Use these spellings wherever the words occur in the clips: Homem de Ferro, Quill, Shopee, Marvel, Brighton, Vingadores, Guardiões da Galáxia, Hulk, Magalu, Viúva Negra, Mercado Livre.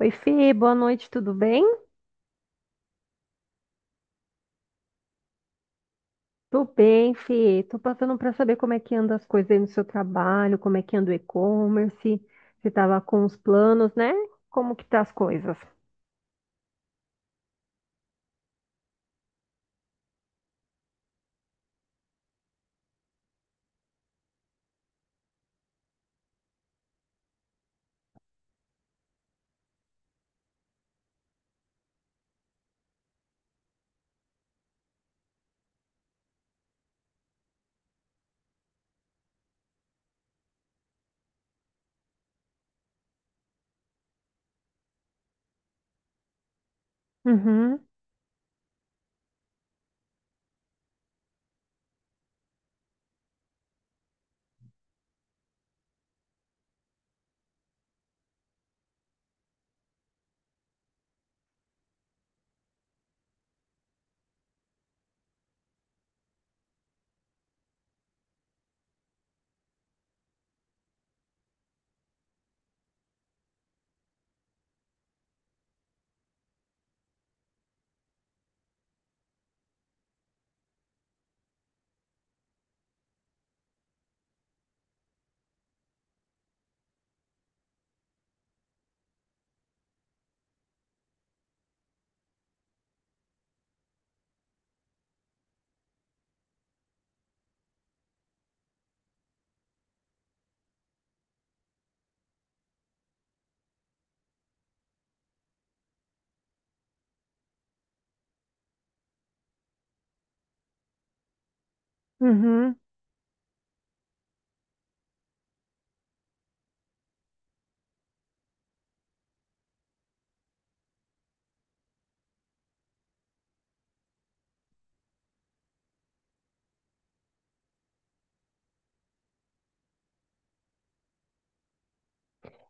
Oi, Fê, boa noite, tudo bem? Tô bem, Fê. Tô passando para saber como é que anda as coisas aí no seu trabalho, como é que anda o e-commerce, você tava com os planos, né? Como que tá as coisas? Uhum, uhum.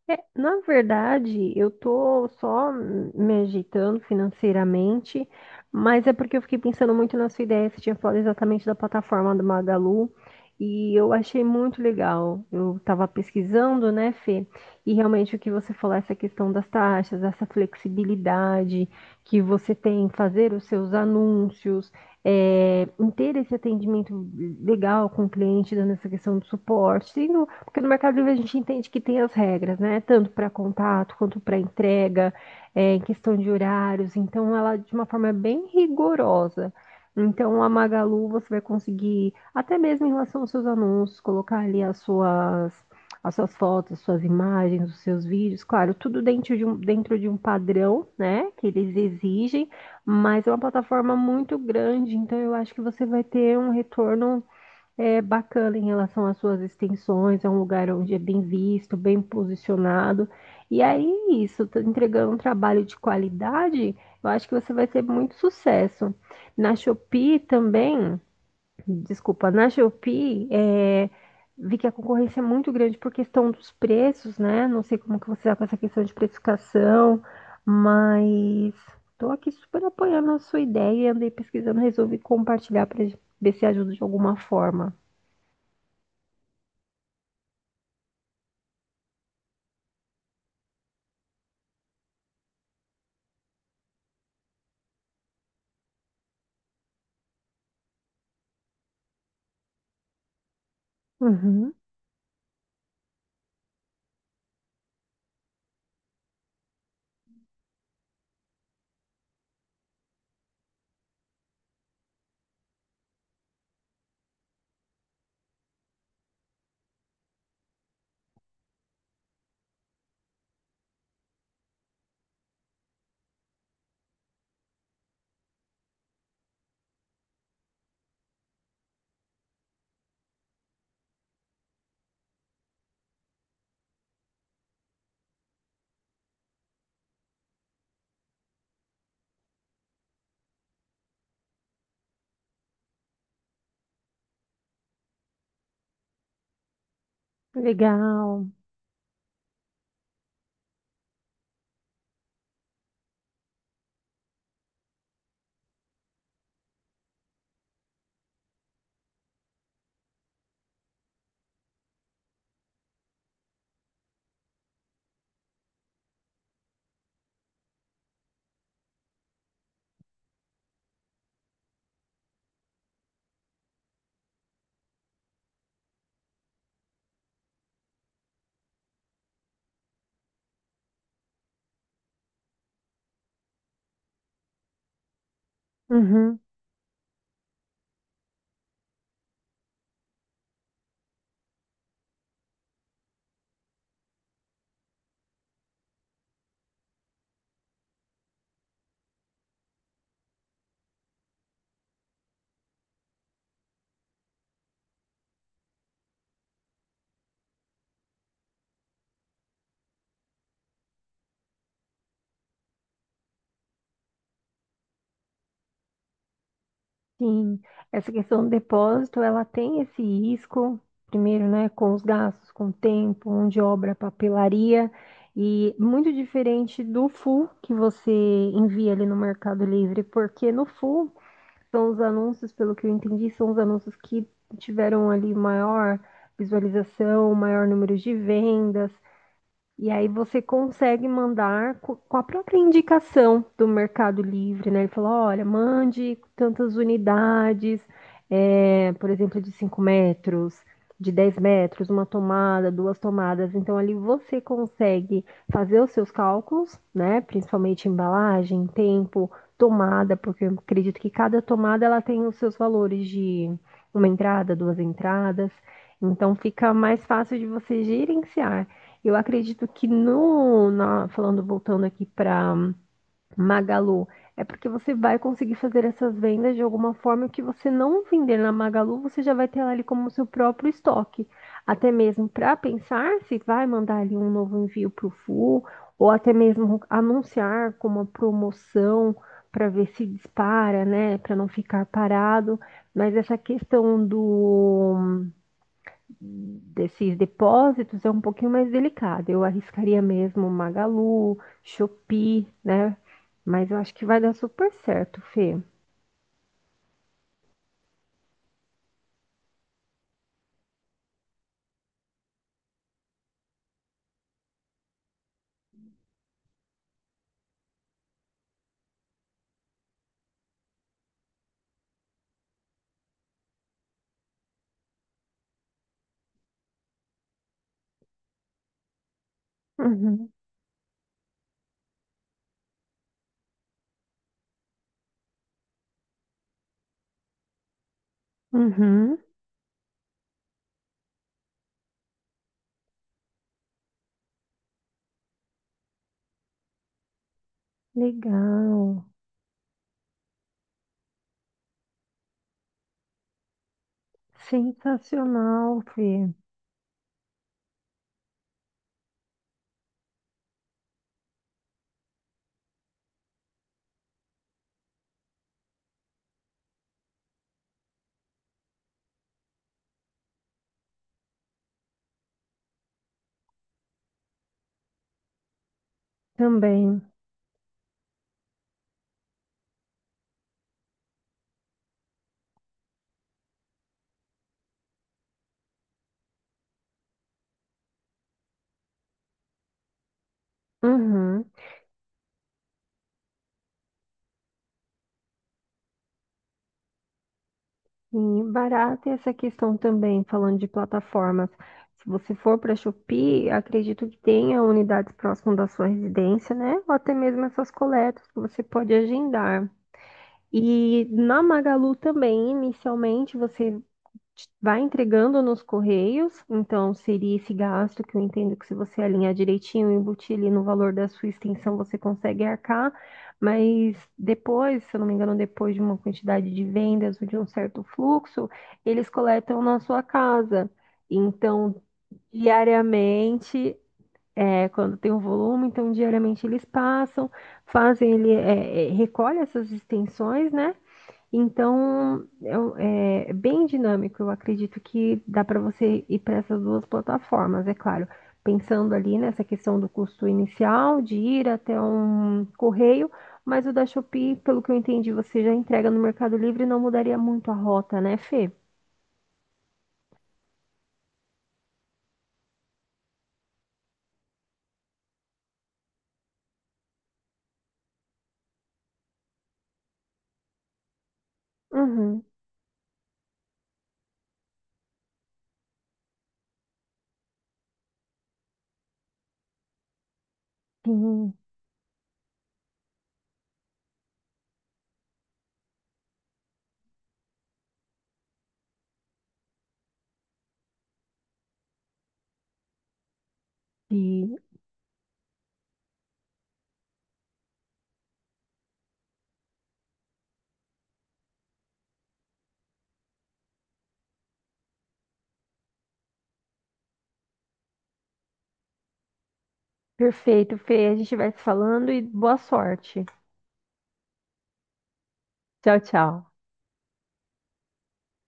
É, na verdade, eu tô só me agitando financeiramente, mas é porque eu fiquei pensando muito na sua ideia. Você tinha falado exatamente da plataforma do Magalu e eu achei muito legal. Eu estava pesquisando, né, Fê? E realmente o que você falou, essa questão das taxas, essa flexibilidade que você tem em fazer os seus anúncios, é, em ter esse atendimento legal com o cliente, dando essa questão do suporte, porque no Mercado Livre a gente entende que tem as regras, né? Tanto para contato quanto para entrega, é, em questão de horários. Então, ela de uma forma bem rigorosa. Então, a Magalu você vai conseguir, até mesmo em relação aos seus anúncios, colocar ali as suas, fotos, as suas imagens, os seus vídeos. Claro, tudo dentro de um padrão, né? Que eles exigem, mas é uma plataforma muito grande. Então, eu acho que você vai ter um retorno é bacana em relação às suas extensões, é um lugar onde é bem visto, bem posicionado. E aí, isso, tá entregando um trabalho de qualidade, eu acho que você vai ter muito sucesso. Na Shopee também, desculpa, na Shopee, é, vi que a concorrência é muito grande por questão dos preços, né? Não sei como que você está com essa questão de precificação, mas estou aqui super apoiando a sua ideia e andei pesquisando, resolvi compartilhar para ver se ajuda de alguma forma. Uhum, legal. Uhum, sim. Essa questão do depósito, ela tem esse risco, primeiro, né, com os gastos, com o tempo, mão de obra, papelaria, e muito diferente do full que você envia ali no Mercado Livre, porque no full são os anúncios, pelo que eu entendi, são os anúncios que tiveram ali maior visualização, maior número de vendas. E aí você consegue mandar com a própria indicação do Mercado Livre, né? Ele falou, olha, mande tantas unidades, é, por exemplo, de 5 metros, de 10 metros, uma tomada, duas tomadas. Então ali você consegue fazer os seus cálculos, né? Principalmente embalagem, tempo, tomada, porque eu acredito que cada tomada ela tem os seus valores de uma entrada, duas entradas. Então fica mais fácil de você gerenciar. Eu acredito que no, na- falando, voltando aqui para Magalu, é porque você vai conseguir fazer essas vendas de alguma forma que você não vender na Magalu, você já vai ter ela ali como seu próprio estoque. Até mesmo para pensar se vai mandar ali um novo envio para o Full, ou até mesmo anunciar com uma promoção para ver se dispara, né? Para não ficar parado. Mas essa questão do desses depósitos é um pouquinho mais delicado. Eu arriscaria mesmo Magalu, Shopee, né? Mas eu acho que vai dar super certo, Fê. Uhum, uhum. Legal. Sensacional, Fê. Também. Uhum. E barato é essa questão também, falando de plataformas. Se você for para Shopee, acredito que tenha unidades próximas da sua residência, né? Ou até mesmo essas coletas que você pode agendar. E na Magalu também, inicialmente, você vai entregando nos correios, então seria esse gasto que eu entendo que se você alinhar direitinho, embutir ali no valor da sua extensão, você consegue arcar, mas depois, se eu não me engano, depois de uma quantidade de vendas ou de um certo fluxo, eles coletam na sua casa. Então, diariamente, é, quando tem um volume, então diariamente eles passam, fazem, recolhe essas extensões, né? Então, é bem dinâmico. Eu acredito que dá para você ir para essas duas plataformas, é claro. Pensando ali nessa questão do custo inicial, de ir até um correio, mas o da Shopee, pelo que eu entendi, você já entrega no Mercado Livre, não mudaria muito a rota, né, Fê? Uhum, sim, sim. Perfeito, Fê. A gente vai se falando e boa sorte. Tchau, tchau.